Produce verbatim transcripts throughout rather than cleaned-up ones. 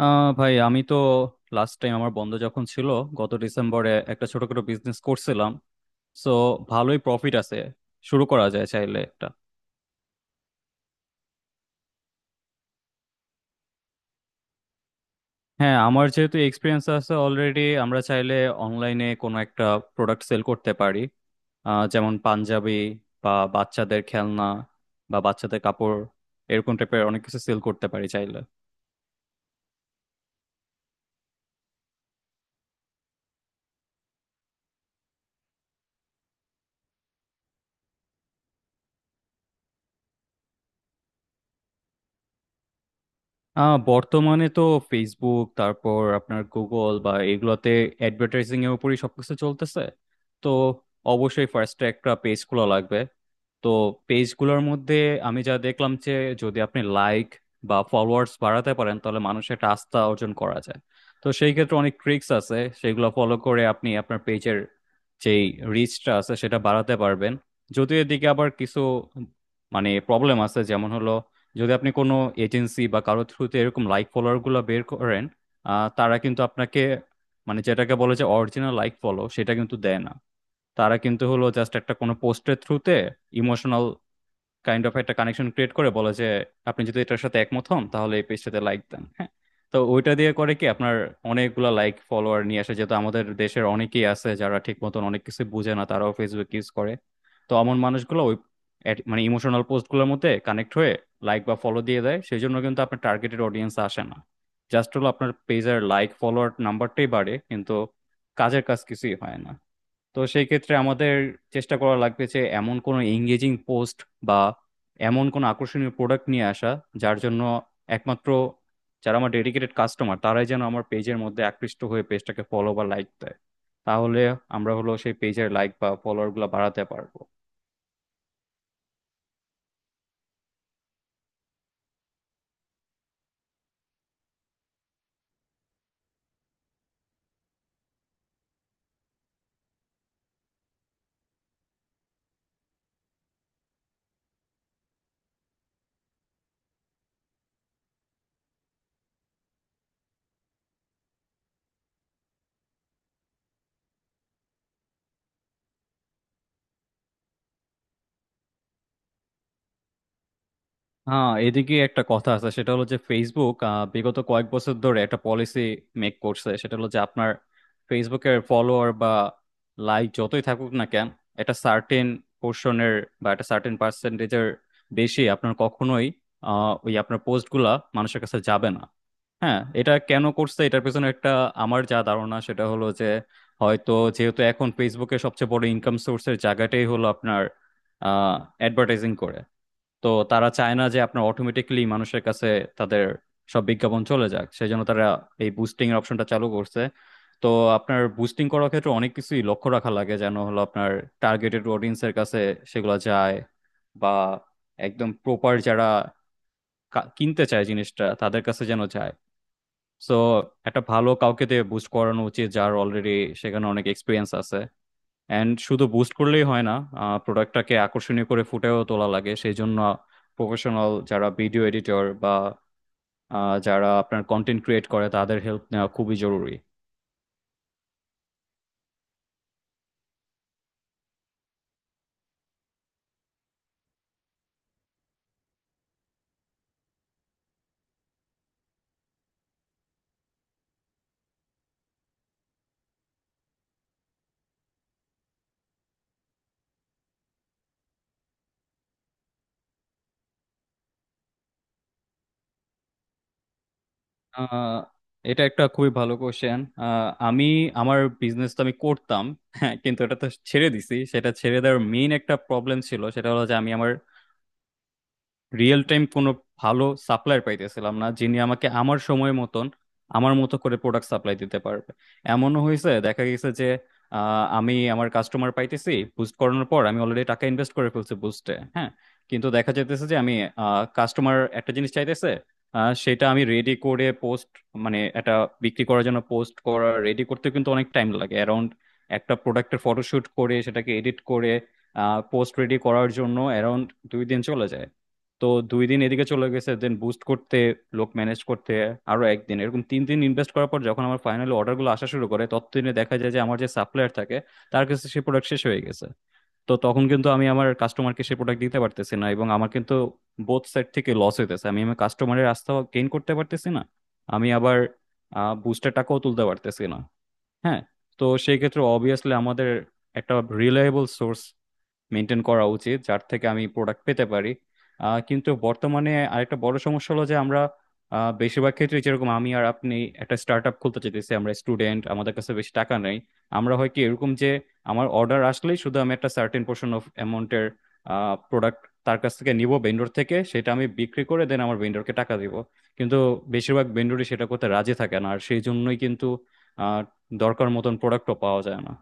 আহ ভাই, আমি তো লাস্ট টাইম আমার বন্ধ যখন ছিল, গত ডিসেম্বরে একটা ছোটখাটো বিজনেস করছিলাম। সো ভালোই প্রফিট আছে, শুরু করা যায় চাইলে একটা। হ্যাঁ, আমার যেহেতু এক্সপিরিয়েন্স আছে অলরেডি, আমরা চাইলে অনলাইনে কোনো একটা প্রোডাক্ট সেল করতে পারি। আহ, যেমন পাঞ্জাবি, বা বাচ্চাদের খেলনা, বা বাচ্চাদের কাপড়, এরকম টাইপের অনেক কিছু সেল করতে পারি চাইলে। আহ বর্তমানে তো ফেসবুক, তারপর আপনার গুগল বা এগুলোতে অ্যাডভার্টাইজিং এর উপরই সবকিছু চলতেছে। তো অবশ্যই ফার্স্ট একটা পেজ খোলা লাগবে। তো পেজগুলোর মধ্যে আমি যা দেখলাম যে, যদি আপনি লাইক বা ফলোয়ার্স বাড়াতে পারেন তাহলে মানুষের একটা আস্থা অর্জন করা যায়। তো সেই ক্ষেত্রে অনেক ট্রিক্স আছে, সেগুলো ফলো করে আপনি আপনার পেজের যেই রিচটা আছে সেটা বাড়াতে পারবেন। যদিও এদিকে আবার কিছু মানে প্রবলেম আছে, যেমন হলো যদি আপনি কোনো এজেন্সি বা কারো থ্রুতে এরকম লাইক ফলোয়ার গুলো বের করেন, আহ, তারা কিন্তু আপনাকে মানে যেটাকে বলে যে অরিজিনাল লাইক ফলো সেটা কিন্তু দেয় না। তারা কিন্তু হলো জাস্ট একটা কোনো পোস্টের থ্রুতে ইমোশনাল কাইন্ড অফ একটা কানেকশন ক্রিয়েট করে বলে যে, আপনি যদি এটার সাথে একমত হন তাহলে এই পেজটাতে লাইক দেন। হ্যাঁ, তো ওইটা দিয়ে করে কি আপনার অনেকগুলা লাইক ফলোয়ার নিয়ে আসে, যেহেতু আমাদের দেশের অনেকেই আছে যারা ঠিক মতন অনেক কিছু বুঝে না তারাও ফেসবুক ইউজ করে। তো এমন মানুষগুলো ওই at- মানে ইমোশনাল পোস্টগুলোর মধ্যে কানেক্ট হয়ে লাইক বা ফলো দিয়ে দেয়, সেই জন্য কিন্তু আপনার টার্গেটেড অডিয়েন্স আসে না। জাস্ট হলো আপনার পেজের লাইক ফলোয়ার নাম্বারটাই বাড়ে, কিন্তু কাজের কাজ কিছুই হয় না। তো সেই ক্ষেত্রে আমাদের চেষ্টা করা লাগবে যে এমন কোনো এঙ্গেজিং পোস্ট বা এমন কোনো আকর্ষণীয় প্রোডাক্ট নিয়ে আসা, যার জন্য একমাত্র যারা আমার ডেডিকেটেড কাস্টমার তারাই যেন আমার পেজের মধ্যে আকৃষ্ট হয়ে পেজটাকে ফলো বা লাইক দেয়। তাহলে আমরা হলো সেই পেজের লাইক বা ফলোয়ার গুলো বাড়াতে পারবো। হ্যাঁ, এদিকে একটা কথা আছে সেটা হলো যে ফেসবুক আহ, বিগত কয়েক বছর ধরে একটা পলিসি মেক করছে, সেটা হলো যে আপনার ফেসবুকের ফলোয়ার বা লাইক যতই থাকুক না কেন, একটা সার্টেন পোর্শনের বা একটা সার্টেন পার্সেন্টেজের বেশি আপনার কখনোই আহ, ওই আপনার পোস্টগুলা মানুষের কাছে যাবে না। হ্যাঁ, এটা কেন করছে এটার পেছনে একটা, আমার যা ধারণা সেটা হলো যে হয়তো যেহেতু এখন ফেসবুকের সবচেয়ে বড় ইনকাম সোর্সের জায়গাটাই হলো আপনার অ্যাডভার্টাইজিং করে। তো তারা চায় না যে আপনার অটোমেটিকলি মানুষের কাছে তাদের সব বিজ্ঞাপন চলে যাক, সেই জন্য তারা এই বুস্টিং এর অপশনটা চালু করছে। তো আপনার বুস্টিং করার ক্ষেত্রে অনেক কিছুই লক্ষ্য রাখা লাগে যেন হলো আপনার টার্গেটেড অডিয়েন্স এর কাছে সেগুলো যায়, বা একদম প্রপার যারা কা- কিনতে চায় জিনিসটা তাদের কাছে যেন যায়। সো একটা ভালো কাউকে দিয়ে বুস্ট করানো উচিত যার অলরেডি সেখানে অনেক এক্সপিরিয়েন্স আছে। অ্যান্ড শুধু বুস্ট করলেই হয় না, প্রোডাক্টটাকে আকর্ষণীয় করে ফুটেও তোলা লাগে, সেই জন্য প্রফেশনাল যারা ভিডিও এডিটর বা আহ, যারা আপনার কন্টেন্ট ক্রিয়েট করে তাদের হেল্প নেওয়া খুবই জরুরি। আহ, এটা একটা খুবই ভালো কোশ্চেন। আমি আমার বিজনেস তো আমি করতাম হ্যাঁ, কিন্তু এটা তো ছেড়ে দিছি, সেটা ছেড়ে দেওয়ার মেইন একটা প্রবলেম ছিল সেটা হলো যে আমি আমার রিয়েল টাইম কোনো ভালো সাপ্লায়ার পাইতেছিলাম না যিনি আমাকে আমার সময় মতন আমার মতো করে প্রোডাক্ট সাপ্লাই দিতে পারবে। এমনও হয়েছে দেখা গেছে যে আহ, আমি আমার কাস্টমার পাইতেছি বুস্ট করানোর পর, আমি অলরেডি টাকা ইনভেস্ট করে ফেলছি বুস্টে। হ্যাঁ, কিন্তু দেখা যাইতেছে যে আমি কাস্টমার একটা জিনিস চাইতেছে, আহ, সেটা আমি রেডি করে পোস্ট মানে এটা বিক্রি করার জন্য পোস্ট করা রেডি করতে কিন্তু অনেক টাইম লাগে। অ্যারাউন্ড একটা প্রোডাক্টের ফটোশুট করে সেটাকে এডিট করে পোস্ট রেডি করার জন্য অ্যারাউন্ড দুই দিন চলে যায়। তো দুই দিন এদিকে চলে গেছে, দেন বুস্ট করতে লোক ম্যানেজ করতে আরো একদিন, এরকম তিন দিন ইনভেস্ট করার পর যখন আমার ফাইনালি অর্ডার গুলো আসা শুরু করে ততদিনে দেখা যায় যে আমার যে সাপ্লায়ার থাকে তার কাছে সে প্রোডাক্ট শেষ হয়ে গেছে। তো তখন কিন্তু আমি আমার কাস্টমারকে সে প্রোডাক্ট দিতে পারতেছি না, এবং আমার কিন্তু বোথ সাইড থেকে লস হইতেছে, আমি আমার কাস্টমারের আস্থা গেইন করতে পারতেছি না, আমি আবার বুস্টের টাকাও তুলতে পারতেছি না। হ্যাঁ, তো সেই ক্ষেত্রে অবভিয়াসলি আমাদের একটা রিলায়েবল সোর্স মেনটেন করা উচিত যার থেকে আমি প্রোডাক্ট পেতে পারি। আহ, কিন্তু বর্তমানে আরেকটা বড় সমস্যা হলো যে আমরা আহ, বেশিরভাগ ক্ষেত্রে যেরকম আমি আর আপনি একটা স্টার্ট আপ খুলতে চাইতেছি, আমরা স্টুডেন্ট, আমাদের কাছে বেশি টাকা নেই। আমরা হয় কি এরকম যে আমার অর্ডার আসলেই শুধু আমি একটা সার্টেন পোর্শন অফ অ্যামাউন্টের প্রোডাক্ট তার কাছ থেকে নিব ভেন্ডর থেকে, সেটা আমি বিক্রি করে দেন আমার ভেন্ডরকে টাকা দিব। কিন্তু বেশিরভাগ ভেন্ডরই সেটা করতে রাজি থাকে না, আর সেই জন্যই কিন্তু আহ, দরকার মতন প্রোডাক্টও পাওয়া যায় না।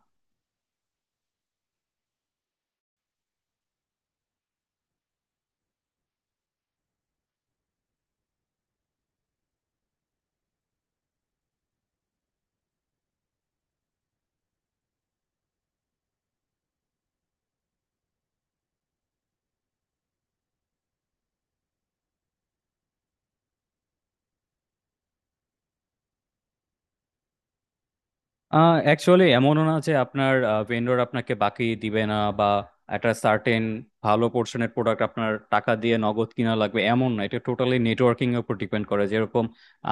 আহ অ্যাকচুয়ালি এমনও না যে আপনার ভেন্ডর আপনাকে বাকি দিবে না, বা একটা সার্টেন ভালো পোর্শনের প্রোডাক্ট আপনার টাকা দিয়ে নগদ কিনা লাগবে, এমন না। এটা টোটালি নেটওয়ার্কিং এর উপর ডিপেন্ড করে, যেরকম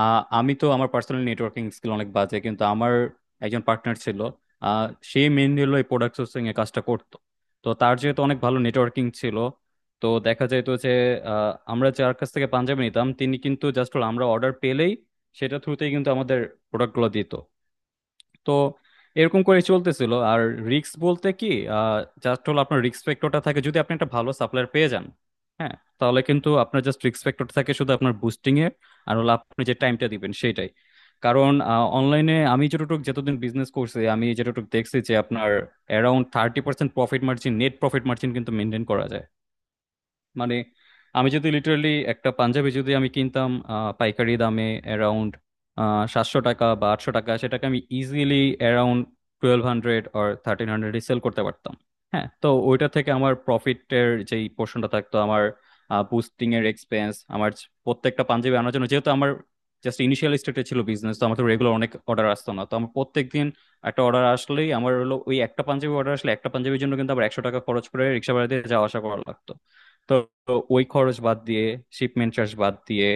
আহ, আমি তো আমার পার্সোনাল নেটওয়ার্কিং স্কিল অনেক বাজে, কিন্তু আমার একজন পার্টনার ছিল, আহ, সে মেনলি হলো এই প্রোডাক্ট সোর্সিং এর কাজটা করতো। তো তার যেহেতু অনেক ভালো নেটওয়ার্কিং ছিল, তো দেখা যেত যে আহ, আমরা যার কাছ থেকে পাঞ্জাবি নিতাম তিনি কিন্তু জাস্ট আমরা অর্ডার পেলেই সেটা থ্রুতেই কিন্তু আমাদের প্রোডাক্টগুলো দিত। তো এরকম করে চলতেছিল। আর রিস্ক বলতে কি, জাস্ট হলো আপনার রিস্ক ফ্যাক্টরটা থাকে যদি আপনি একটা ভালো সাপ্লায়ার পেয়ে যান। হ্যাঁ, তাহলে কিন্তু আপনার জাস্ট রিস্ক ফ্যাক্টর থাকে শুধু আপনার বুস্টিং এর, আর হলো আপনি যে টাইমটা দিবেন সেটাই। কারণ অনলাইনে আমি যতটুকু যতদিন বিজনেস করছি আমি যতটুকু দেখছি যে আপনার around thirty percent profit margin, net profit margin কিন্তু মেনটেন করা যায়। মানে আমি যদি লিটারালি একটা পাঞ্জাবি যদি আমি কিনতাম আহ, পাইকারি দামে অ্যারাউন্ড সাতশো টাকা বা আটশো টাকা, সেটাকে আমি easily around twelve hundred or thirteen হান্ড্রেডে সেল করতে পারতাম। হ্যাঁ, তো ওইটা থেকে আমার প্রফিটের যেই পোর্শনটা থাকতো, আমার বুস্টিং এর এক্সপেন্স আমার চ- প্রত্যেকটা পাঞ্জাবি আনার জন্য যেহেতু আমার জাস্ট ইনিশিয়াল স্টেটে ছিল বিজনেস তো আমার তো রেগুলার অনেক অর্ডার আসতো না, তো আমার প্রত্যেকদিন একটা অর্ডার আসলেই আমার হলো ওই একটা পাঞ্জাবি অর্ডার আসলে একটা পাঞ্জাবির জন্য কিন্তু আবার একশো টাকা খরচ করে রিক্সা ভাড়া দিয়ে যাওয়া আসা করা লাগতো। তো তো ওই খরচ বাদ দিয়ে শিপমেন্ট চার্জ বাদ দিয়ে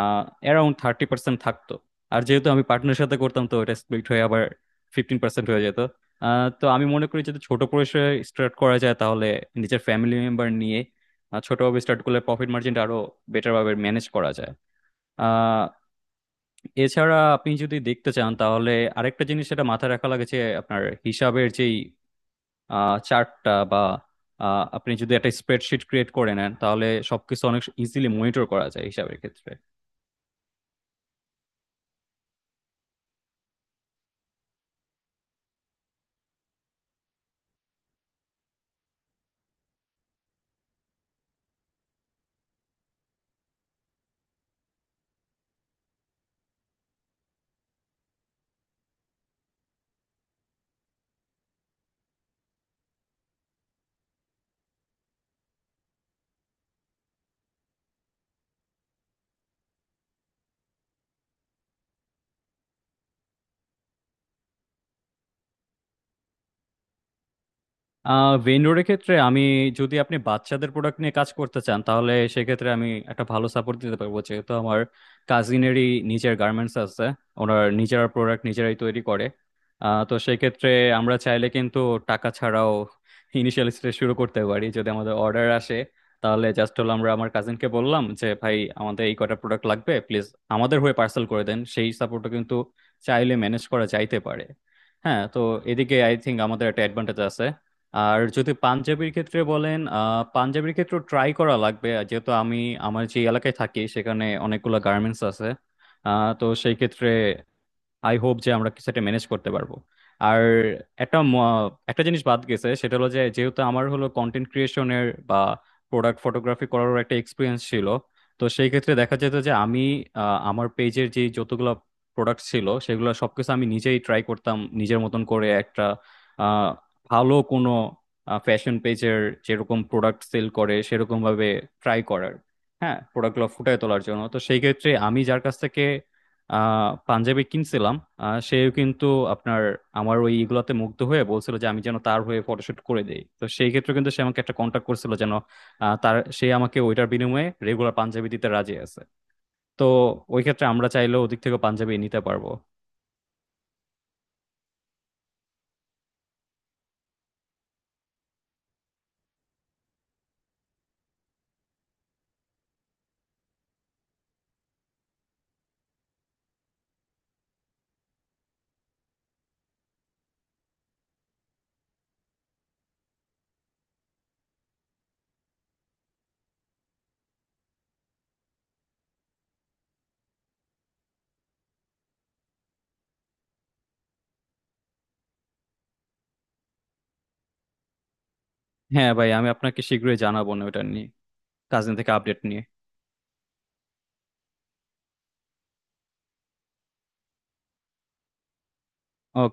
আহ অ্যারাউন্ড থার্টি পার্সেন্ট থাকতো। আর যেহেতু আমি পার্টনারের সাথে করতাম তো এটা স্প্লিট হয়ে আবার ফিফটিন পার্সেন্ট হয়ে যেত। আহ, তো আমি মনে করি যদি ছোট পরিসরে স্টার্ট করা যায়, তাহলে নিজের ফ্যামিলি মেম্বার নিয়ে আহ, ছোটভাবে স্টার্ট করলে প্রফিট মার্জিনটা আরো বেটার ভাবে ম্যানেজ করা যায়। আহ এছাড়া আপনি যদি দেখতে চান তাহলে আরেকটা জিনিস সেটা মাথায় রাখা লাগে যে আপনার হিসাবের যেই আহ চার্টটা বা আহ, আপনি যদি একটা স্প্রেডশিট ক্রিয়েট করে নেন তাহলে সবকিছু অনেক ইজিলি মনিটর করা যায় হিসাবের ক্ষেত্রে। আহ ভেন্ডরের ক্ষেত্রে আমি যদি আপনি বাচ্চাদের প্রোডাক্ট নিয়ে কাজ করতে চান তাহলে সেক্ষেত্রে আমি একটা ভালো সাপোর্ট দিতে পারবো, যেহেতু আমার কাজিনেরই নিজের গার্মেন্টস আছে। ওনার নিজেরা প্রোডাক্ট নিজেরাই তৈরি করে। আহ, তো সেক্ষেত্রে আমরা চাইলে কিন্তু টাকা ছাড়াও ইনিশিয়াল স্টেজ শুরু করতে পারি, যদি আমাদের অর্ডার আসে তাহলে জাস্ট হলো আমরা আমার কাজিনকে বললাম যে ভাই আমাদের এই কটা প্রোডাক্ট লাগবে প্লিজ, আমাদের হয়ে পার্সেল করে দেন, সেই সাপোর্টটা কিন্তু চাইলে ম্যানেজ করা যাইতে পারে। হ্যাঁ, তো এদিকে আই থিঙ্ক আমাদের একটা অ্যাডভান্টেজ আছে। আর যদি পাঞ্জাবির ক্ষেত্রে বলেন আহ, পাঞ্জাবির ক্ষেত্রে ট্রাই করা লাগবে। আর যেহেতু আমি আমার যে এলাকায় থাকি সেখানে অনেকগুলো গার্মেন্টস আছে, আহ, তো সেই ক্ষেত্রে আই হোপ যে আমরা কিছু একটা ম্যানেজ করতে পারবো। আর একটা ম- একটা জিনিস বাদ গেছে সেটা হলো যে যেহেতু আমার হলো কন্টেন্ট ক্রিয়েশনের বা প্রোডাক্ট ফটোগ্রাফি করারও একটা এক্সপিরিয়েন্স ছিল, তো সেই ক্ষেত্রে দেখা যেত যে আমি আহ, আমার পেজের যে যতগুলো প্রোডাক্ট ছিল সেগুলো সবকিছু আমি নিজেই ট্রাই করতাম নিজের মতন করে একটা আহ, ভালো কোনো ফ্যাশন পেজের যেরকম প্রোডাক্ট সেল করে সেরকম ভাবে ট্রাই করার। হ্যাঁ, প্রোডাক্টগুলো ফুটিয়ে তোলার জন্য, তো সেই ক্ষেত্রে আমি যার কাছ থেকে আহ পাঞ্জাবি কিনছিলাম আহ, সেও কিন্তু আপনার আমার ওই ইগুলাতে মুগ্ধ হয়ে বলছিল যে আমি যেন তার হয়ে ফটোশুট করে দেই, তো সেই ক্ষেত্রে কিন্তু সে আমাকে একটা কন্ট্যাক্ট করছিল যেন আহ, তার সে আমাকে ওইটার বিনিময়ে রেগুলার পাঞ্জাবি দিতে রাজি আছে। তো ওই ক্ষেত্রে আমরা চাইলেও ওদিক থেকে পাঞ্জাবি নিতে পারবো। হ্যাঁ ভাই, আমি আপনাকে শীঘ্রই জানাবো না ওটা নিয়ে, কাজিন থেকে আপডেট নিয়ে। ওকে।